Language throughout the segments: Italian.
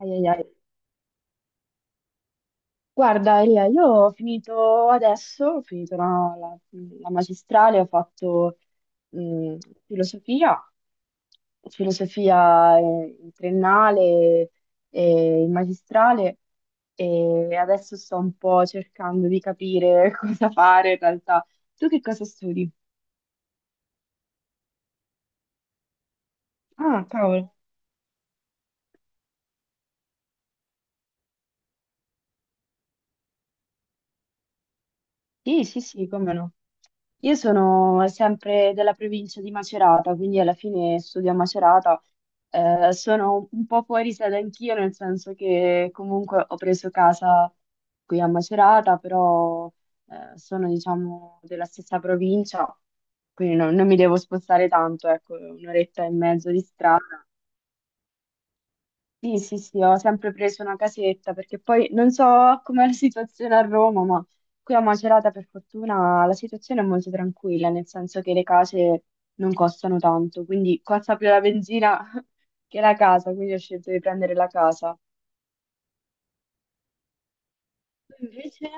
Ai, ai, ai. Guarda, Elia, io ho finito adesso, ho finito la magistrale, ho fatto mh, filosofia, filosofia in triennale e in magistrale e adesso sto un po' cercando di capire cosa fare in realtà. Tu che cosa studi? Ah, cavolo. Sì, sì, sì, come no. Io sono sempre della provincia di Macerata, quindi alla fine studio a Macerata. Sono un po' fuori sede anch'io, nel senso che comunque ho preso casa qui a Macerata, però sono, diciamo, della stessa provincia, quindi non mi devo spostare tanto, ecco, un'oretta e mezzo di strada. Sì, sì, sì, ho sempre preso una casetta perché poi non so com'è la situazione a Roma, ma qui a Macerata per fortuna la situazione è molto tranquilla, nel senso che le case non costano tanto, quindi costa più la benzina che la casa, quindi ho scelto di prendere la casa. Tu invece?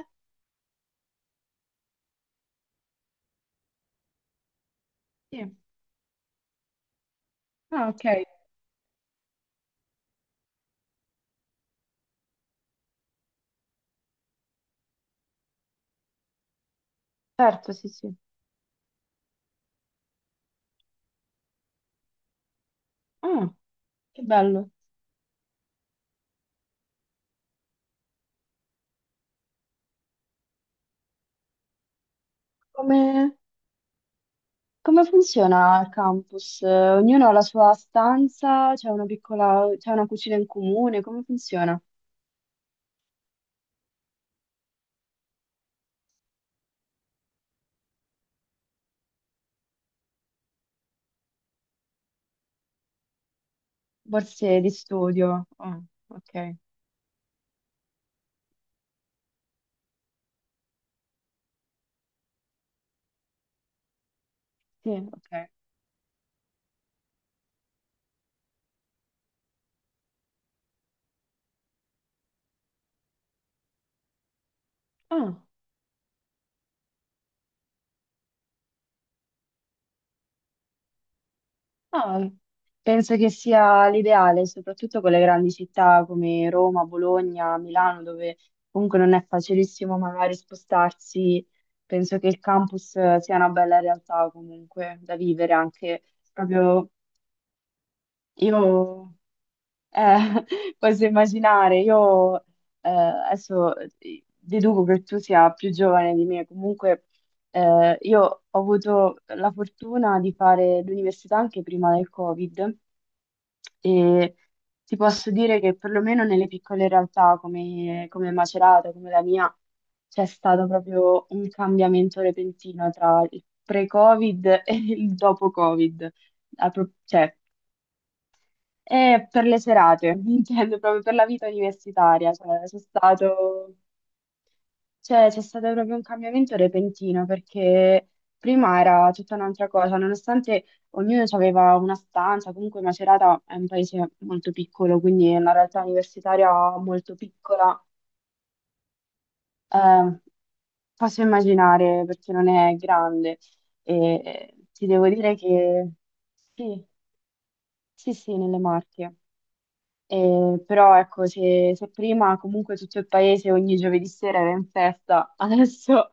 Sì. Ah, ok. Certo, sì, sì. Ah, che bello. Come, come funziona il campus? Ognuno ha la sua stanza, c'è una piccola, c'è una cucina in comune, come funziona? Borse di studio. Ah, ok. Sì, ok. Ah, ah, penso che sia l'ideale, soprattutto con le grandi città come Roma, Bologna, Milano, dove comunque non è facilissimo magari spostarsi. Penso che il campus sia una bella realtà comunque da vivere anche proprio io. Eh, posso immaginare, io adesso deduco che tu sia più giovane di me, comunque io ho avuto la fortuna di fare l'università anche prima del Covid e ti posso dire che perlomeno nelle piccole realtà come, come Macerata, come la mia, c'è stato proprio un cambiamento repentino tra il pre-Covid e il dopo-Covid. A cioè, e per le serate, intendo proprio per la vita universitaria, cioè, c'è stato proprio un cambiamento repentino perché prima era tutta un'altra cosa, nonostante ognuno aveva una stanza, comunque Macerata è un paese molto piccolo, quindi è una realtà universitaria molto piccola, eh, posso immaginare perché non è grande e ti devo dire che sì, sì, sì, nelle Marche. Però ecco, se, se prima comunque tutto il paese ogni giovedì sera era in festa, adesso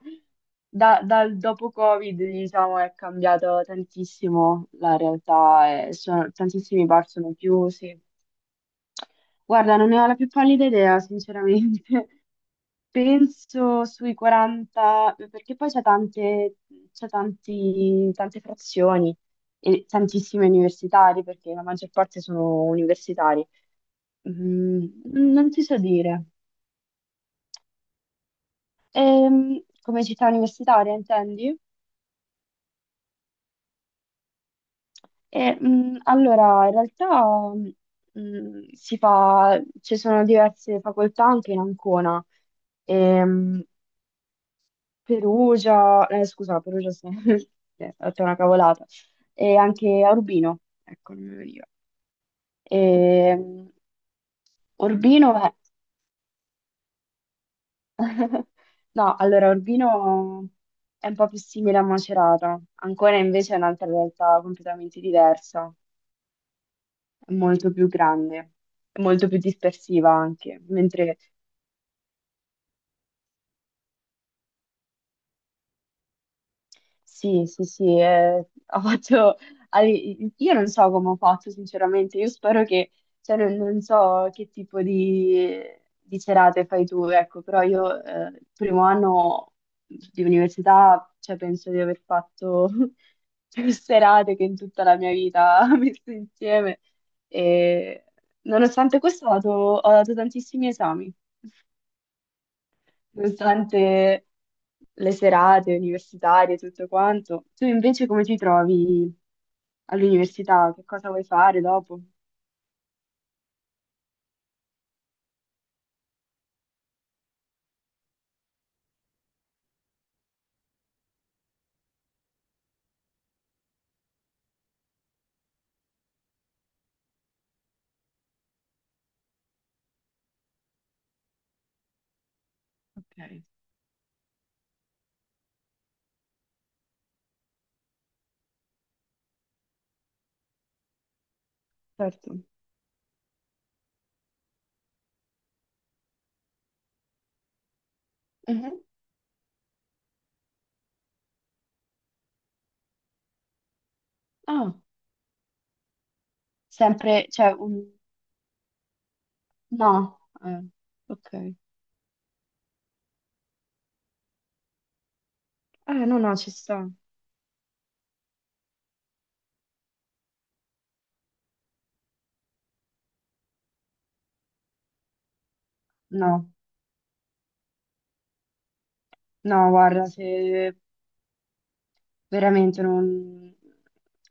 dal dopo Covid, diciamo, è cambiato tantissimo la realtà, e tantissimi bar sono chiusi. Guarda, non ne ho la più pallida idea, sinceramente. Penso sui 40, perché poi c'è tante, tante frazioni e tantissime universitari, perché la maggior parte sono universitari. Mm, non ti so dire. Come città universitaria, intendi? E, allora, in realtà si fa, ci sono diverse facoltà anche in Ancona. Ehm, Perugia, scusa, Perugia, sì, eh, ho detto una cavolata. E anche a Urbino, ecco, non mi veniva. Ehm, Urbino, no, allora Urbino è un po' più simile a Macerata, Ancona invece è un'altra realtà completamente diversa, è molto più grande, è molto più dispersiva anche, mentre sì, sì, sì, ho fatto... Io non so come ho fatto, sinceramente, io spero che, cioè, non, non so che tipo di serate fai tu, ecco, però io il primo anno di università, cioè, penso di aver fatto più serate che in tutta la mia vita messe insieme e nonostante questo ho dato tantissimi esami durante le serate universitarie e tutto quanto. Tu invece come ti trovi all'università? Che cosa vuoi fare dopo? Ok. Certo. Mhm. Ah, sempre, cioè, un- no, eh, ok. No, no, ci sta. No, no, guarda, se veramente non,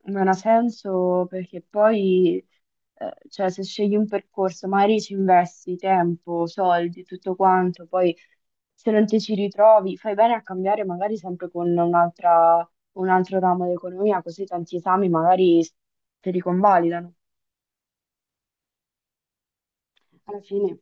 non ha senso perché poi, cioè, se scegli un percorso, magari ci investi tempo, soldi, tutto quanto, poi se non ti ci ritrovi, fai bene a cambiare magari sempre con un altro ramo d'economia, così tanti esami magari te li convalidano. Alla fine,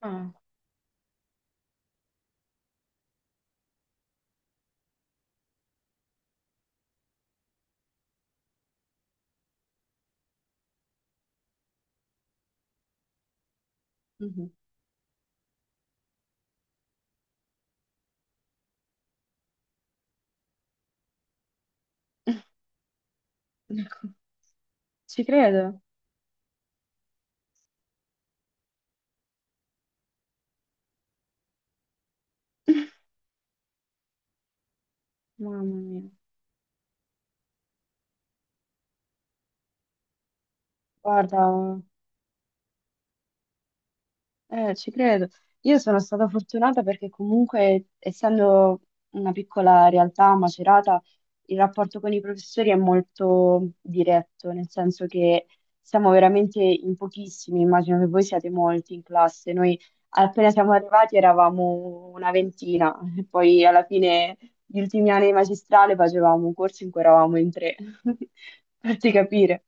ah, mhm. Ecco, ci credo. Mamma mia. Guarda. Ci credo. Io sono stata fortunata perché comunque, essendo una piccola realtà a Macerata, il rapporto con i professori è molto diretto, nel senso che siamo veramente in pochissimi, immagino che voi siate molti in classe. Noi appena siamo arrivati eravamo una ventina, e poi alla fine gli ultimi anni di magistrale facevamo un corso in cui eravamo in tre, farti capire.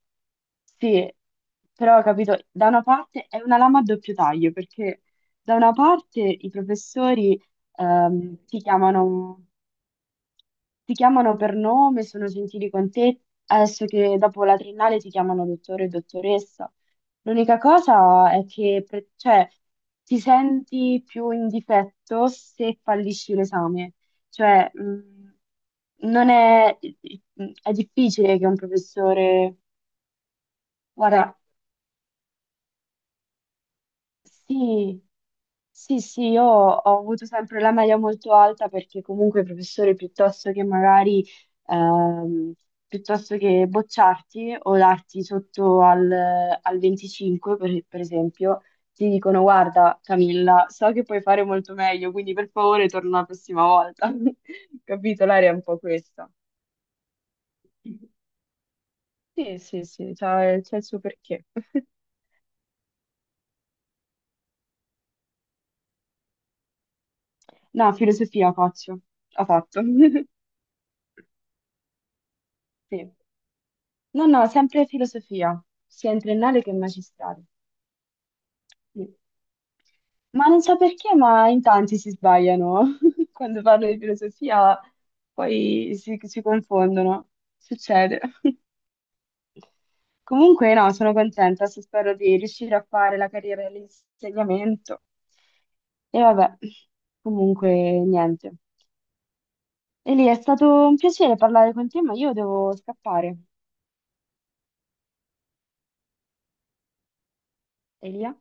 Sì, però ho capito, da una parte è una lama a doppio taglio, perché da una parte i professori ehm, ti chiamano ti chiamano per nome, sono gentili con te, adesso che dopo la triennale ti chiamano dottore o dottoressa. L'unica cosa è che cioè, ti senti più in difetto se fallisci l'esame. Cioè, non è, è difficile che un professore... Guarda, sì, sì, sì, io ho avuto sempre la media molto alta perché comunque i professori piuttosto che magari, ehm, piuttosto che bocciarti o darti sotto al, al 25, per esempio, ti dicono guarda Camilla, so che puoi fare molto meglio, quindi per favore torna la prossima volta. Capito? L'area è un po' questa. Sì, sì, sì, c'ha il suo perché. No, filosofia faccio, ho fatto. Sì. No, no, sempre filosofia, sia in triennale che in magistrale. Sì. Ma non so perché, ma in tanti si sbagliano. Quando parlo di filosofia, poi si confondono. Succede. Comunque, no, sono contenta, se spero di riuscire a fare la carriera dell'insegnamento. E vabbè, comunque, niente. Elia, è stato un piacere parlare con te, ma io devo scappare. Elia?